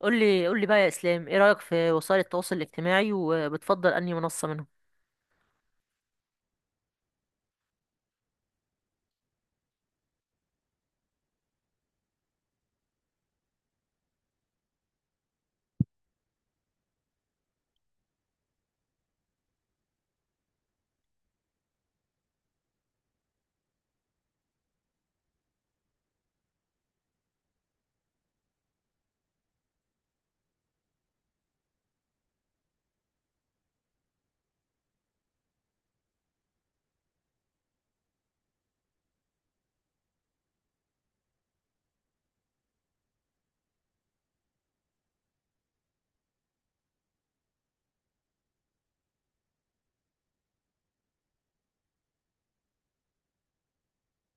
قول لي بقى يا اسلام، ايه رايك في وسائل التواصل الاجتماعي، وبتفضل انهي منصه منهم؟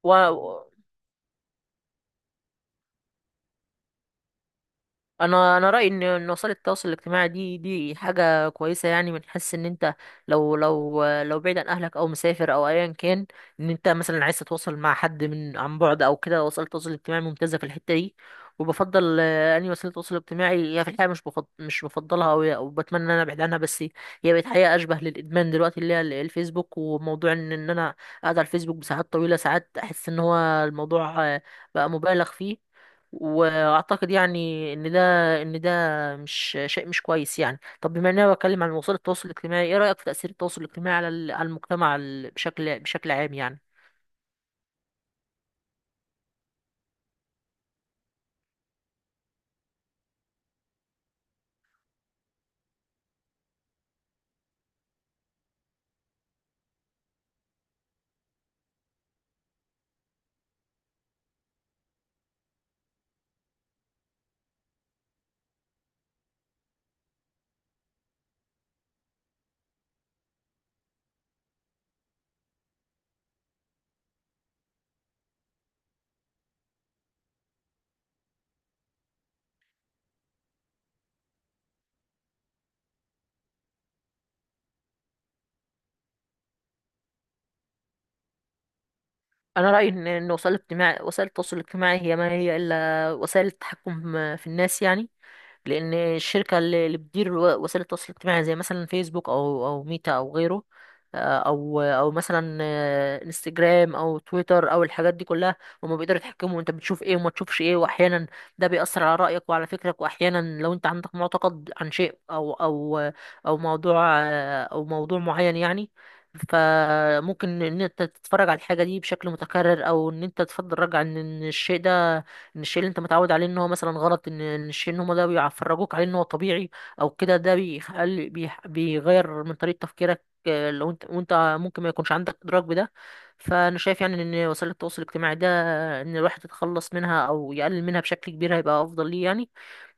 و... انا رايي ان وسائل التواصل الاجتماعي دي حاجه كويسه، يعني من حيث ان انت لو بعيد عن اهلك او مسافر او ايا كان، انت مثلا عايز تتواصل مع حد من عن بعد او كده، وسائل التواصل الاجتماعي ممتازه في الحته دي. وبفضل اني وسيله التواصل الاجتماعي، هي في الحقيقه مش بفضل مش بفضلها او بتمنى ان انا ابعد عنها، بس هي بقت حقيقه اشبه للادمان دلوقتي، اللي هي الفيسبوك. وموضوع ان انا قاعد على الفيسبوك بساعات طويله، ساعات احس ان هو الموضوع بقى مبالغ فيه. واعتقد يعني ان ده ان ده مش شيء مش كويس يعني. طب بما ان انا بتكلم عن وسائل التواصل الاجتماعي، ايه رايك في تاثير التواصل الاجتماعي على على المجتمع بشكل عام يعني؟ انا رايي ان وسائل الاجتماع التواصل الاجتماعي هي ما هي الا وسائل التحكم في الناس يعني. لان الشركه اللي بتدير وسائل التواصل الاجتماعي زي مثلا فيسبوك او ميتا او غيره، او مثلا انستجرام او تويتر او الحاجات دي كلها، هما بيقدروا يتحكموا انت بتشوف ايه وما تشوفش ايه. واحيانا ده بيأثر على رأيك وعلى فكرك. واحيانا لو انت عندك معتقد عن شيء او موضوع او موضوع معين يعني، فممكن ان انت تتفرج على الحاجة دي بشكل متكرر، او ان انت تفضل رجع ان الشيء ده ان الشيء اللي انت متعود عليه ان هو مثلا غلط، ان الشيء ان هم ده بيفرجوك عليه ان هو طبيعي او كده. ده بيخلي بيغير من طريقة تفكيرك، لو انت وانت ممكن ما يكونش عندك ادراك بده. فانا شايف يعني ان وسائل التواصل الاجتماعي ده، ان الواحد يتخلص منها او يقلل منها بشكل كبير هيبقى افضل ليه يعني.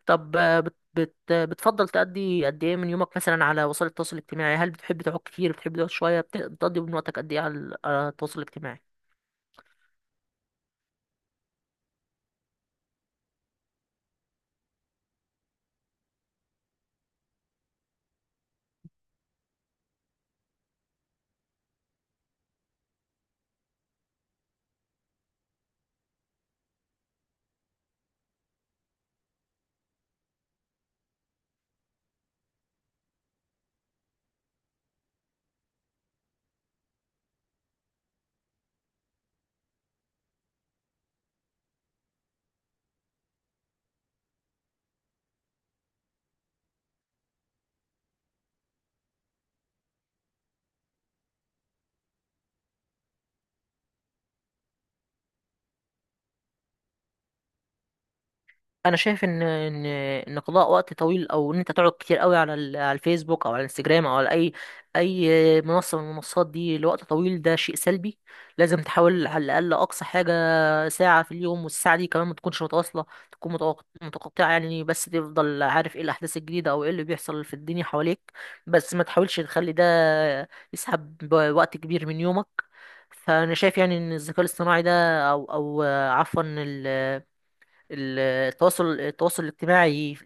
طب بت بت بتفضل تقضي قد ايه من يومك مثلا على وسائل التواصل الاجتماعي؟ هل بتحب تقعد كتير، بتحب تقعد شوية؟ بتقضي من وقتك قد ايه على التواصل الاجتماعي؟ انا شايف ان قضاء وقت طويل او ان انت تقعد كتير قوي على على الفيسبوك او على الانستجرام او على اي منصه من المنصات دي لوقت طويل، ده شيء سلبي. لازم تحاول على الاقل اقصى حاجه ساعه في اليوم، والساعه دي كمان ما تكونش متواصله، تكون متقطعه يعني، بس تفضل عارف ايه الاحداث الجديده او ايه اللي بيحصل في الدنيا حواليك. بس ما تحاولش تخلي ده يسحب وقت كبير من يومك. فانا شايف يعني ان الذكاء الاصطناعي ده او عفوا، التواصل الاجتماعي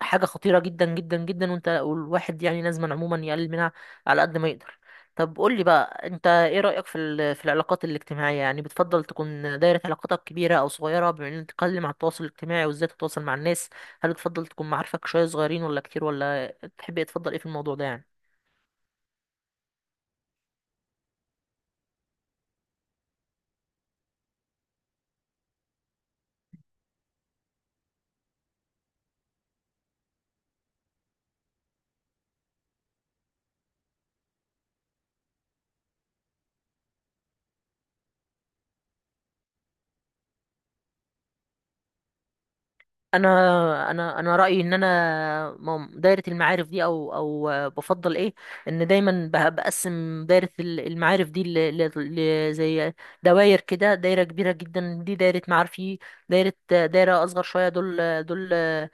حاجة خطيرة جدا جدا جدا، والواحد يعني لازم عموما يقلل منها على قد ما يقدر. طب قول لي بقى، انت ايه رأيك في في العلاقات الاجتماعية؟ يعني بتفضل تكون دايرة علاقاتك كبيرة او صغيرة؟ بما ان تتكلم عن التواصل الاجتماعي وازاي تتواصل مع الناس، هل بتفضل تكون معارفك شوية صغيرين ولا كتير؟ ولا تحب ايه، تفضل ايه في الموضوع ده يعني؟ انا رايي ان انا دايره المعارف دي او بفضل ايه ان دايما بقسم دايره المعارف دي زي دوائر كده. دايره كبيره جدا دي دايره معارفي. دايره دايره اصغر شويه، دول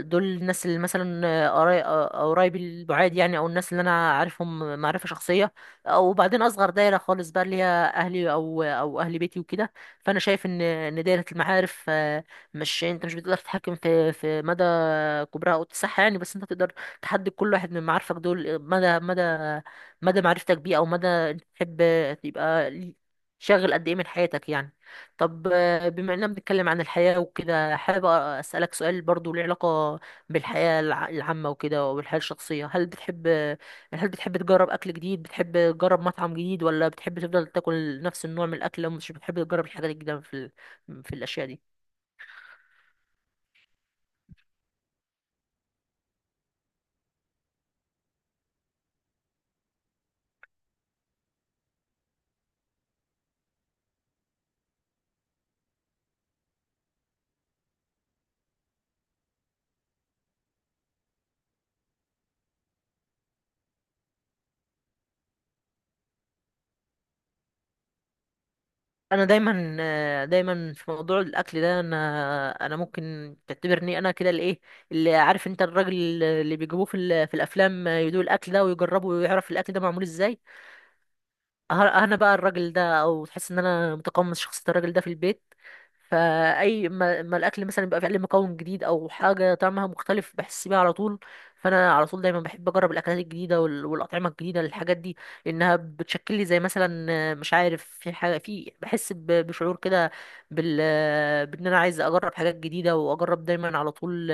دول الناس اللي مثلا قرايبي البعاد يعني، او الناس اللي انا عارفهم معرفه شخصيه. او بعدين اصغر دايره خالص بقى، اللي هي اهلي او اهل بيتي وكده. فانا شايف ان ان دايره المعارف مش يعني انت مش بتقدر تتحكم في مدى كبرها او اتساعها يعني، بس انت تقدر تحدد كل واحد من معارفك دول مدى معرفتك بيه، او مدى انت تحب تبقى شاغل قد ايه من حياتك يعني. طب بما اننا بنتكلم عن الحياة وكده، حابب اسالك سؤال برضو له علاقة بالحياة العامة وكده، وبالحياة الشخصية. هل بتحب تجرب اكل جديد؟ بتحب تجرب مطعم جديد؟ ولا بتحب تفضل تاكل نفس النوع من الاكل، ومش بتحب تجرب الحاجات الجديدة في في الاشياء دي؟ انا دايما دايما في موضوع الاكل ده، انا ممكن تعتبرني انا كده الايه اللي عارف، انت الراجل اللي بيجيبوه في في الافلام، يدوق الاكل ده ويجربه ويعرف الاكل ده معمول ازاي. انا بقى الراجل ده، او تحس ان انا متقمص شخصية الراجل ده في البيت. فاي ما الاكل مثلا يبقى فيه عليه مكون جديد او حاجة طعمها مختلف، بحس بيها على طول. فانا على طول دايما بحب اجرب الاكلات الجديدة والاطعمة الجديدة، الحاجات دي، لانها بتشكل لي زي مثلا مش عارف في حاجة في، بحس بشعور كده بال آه، بان انا عايز اجرب حاجات جديدة، واجرب دايما على طول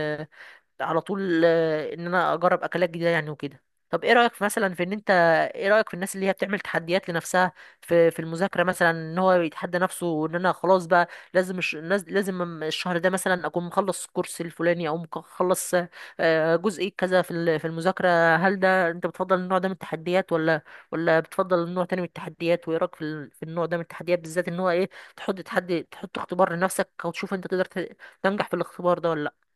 ان انا اجرب اكلات جديده يعني وكده. طب ايه رايك في مثلا في ان انت، ايه رايك في الناس اللي هي بتعمل تحديات لنفسها في المذاكره مثلا؟ ان هو يتحدى نفسه ان انا خلاص بقى لازم لازم الشهر ده مثلا اكون مخلص الكورس الفلاني، او مخلص جزء كذا في في المذاكره. هل ده انت بتفضل النوع ده من التحديات، ولا بتفضل نوع تاني من التحديات؟ وايه رايك في في النوع ده من التحديات بالذات؟ ان هو ايه، تحط تحدي، تحط اختبار لنفسك، او تشوف انت تقدر تنجح في الاختبار ده ولا لأ؟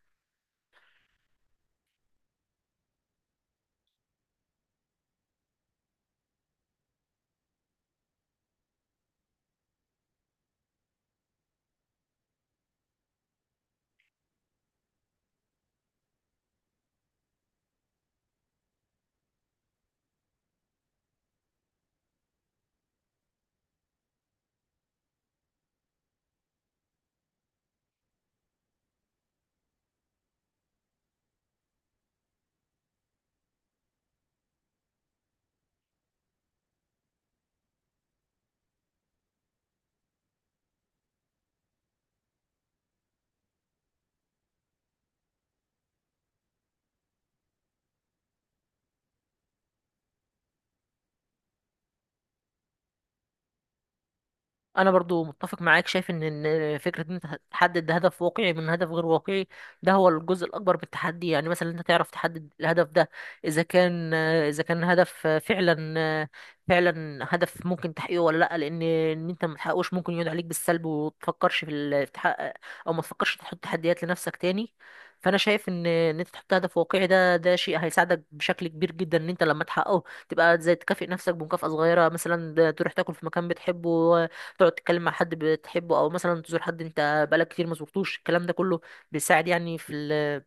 انا برضو متفق معاك، شايف ان فكره ان انت تحدد هدف واقعي من هدف غير واقعي، ده هو الجزء الاكبر بالتحدي يعني. مثلا انت تعرف تحدد الهدف ده اذا كان هدف فعلا هدف ممكن تحقيقه ولا لا، لان ان انت ما تحققوش ممكن يقعد عليك بالسلب، وتفكرش في في تحقق، او ما تفكرش تحط تحديات لنفسك تاني. فانا شايف ان ان انت تحط هدف واقعي، ده ده شيء هيساعدك بشكل كبير جدا. ان انت لما تحققه، تبقى زي تكافئ نفسك بمكافأة صغيرة مثلا، ده تروح تاكل في مكان بتحبه، تقعد تتكلم مع حد بتحبه، او مثلا تزور حد انت بقالك كتير ما زرتوش. الكلام ده كله بيساعد يعني في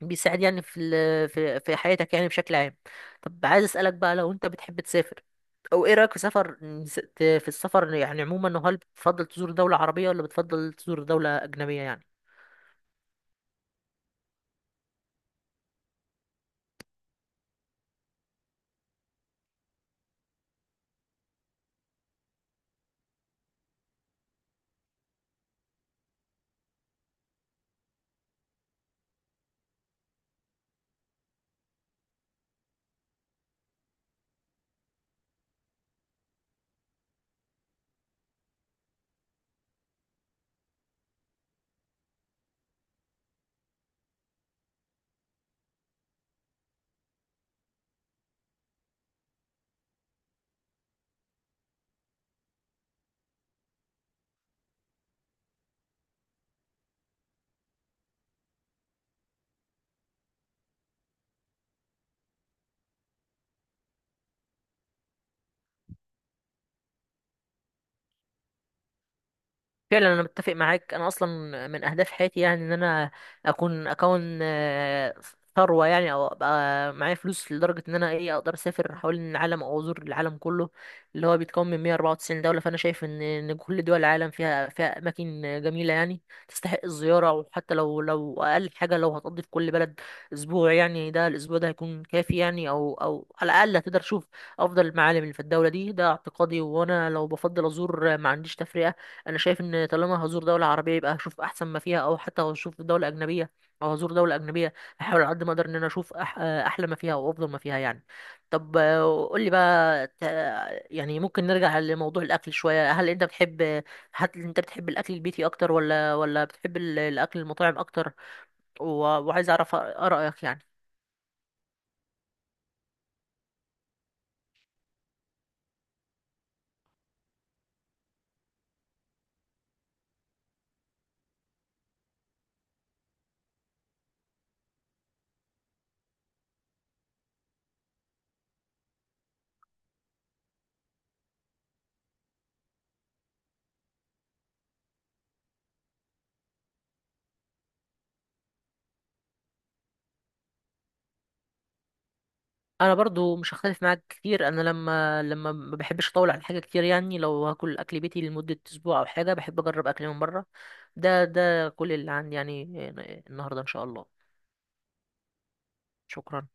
بيساعد يعني في حياتك يعني بشكل عام. طب عايز اسالك بقى، لو انت بتحب تسافر، او ايه رايك في سفر السفر يعني عموما، هل بتفضل تزور دولة عربية ولا بتفضل تزور دولة اجنبية يعني؟ فعلا انا متفق معاك. انا اصلا من اهداف حياتي يعني ان انا اكون ثروه يعني، او ابقى معايا فلوس لدرجه ان انا ايه اقدر اسافر حوالين العالم او ازور العالم كله، اللي هو بيتكون من 194 دوله. فانا شايف ان ان كل دول العالم فيها اماكن جميله يعني تستحق الزياره. وحتى لو اقل حاجه لو هتقضي في كل بلد اسبوع يعني، ده الاسبوع ده هيكون كافي يعني، او على الاقل هتقدر تشوف افضل المعالم اللي في الدوله دي. ده اعتقادي، وانا لو بفضل ازور ما عنديش تفرقه. انا شايف ان طالما هزور دولة عربية، يبقى هشوف احسن ما فيها، او حتى هشوف دولة اجنبية او هزور دولة اجنبية هحاول على قد ما اقدر ان انا اشوف احلى ما فيها وافضل ما فيها يعني. طب قول لي بقى يعني ممكن نرجع لموضوع الاكل شوية. هل انت بتحب الاكل البيتي اكتر، ولا بتحب الاكل المطاعم اكتر؟ و- وعايز اعرف آرائك يعني. انا برضو مش هختلف معاك كتير. انا لما ما بحبش اطول على حاجه كتير يعني، لو هاكل اكل بيتي لمده اسبوع او حاجه، بحب اجرب اكل من بره. ده كل اللي عندي يعني النهارده ان شاء الله. شكرا.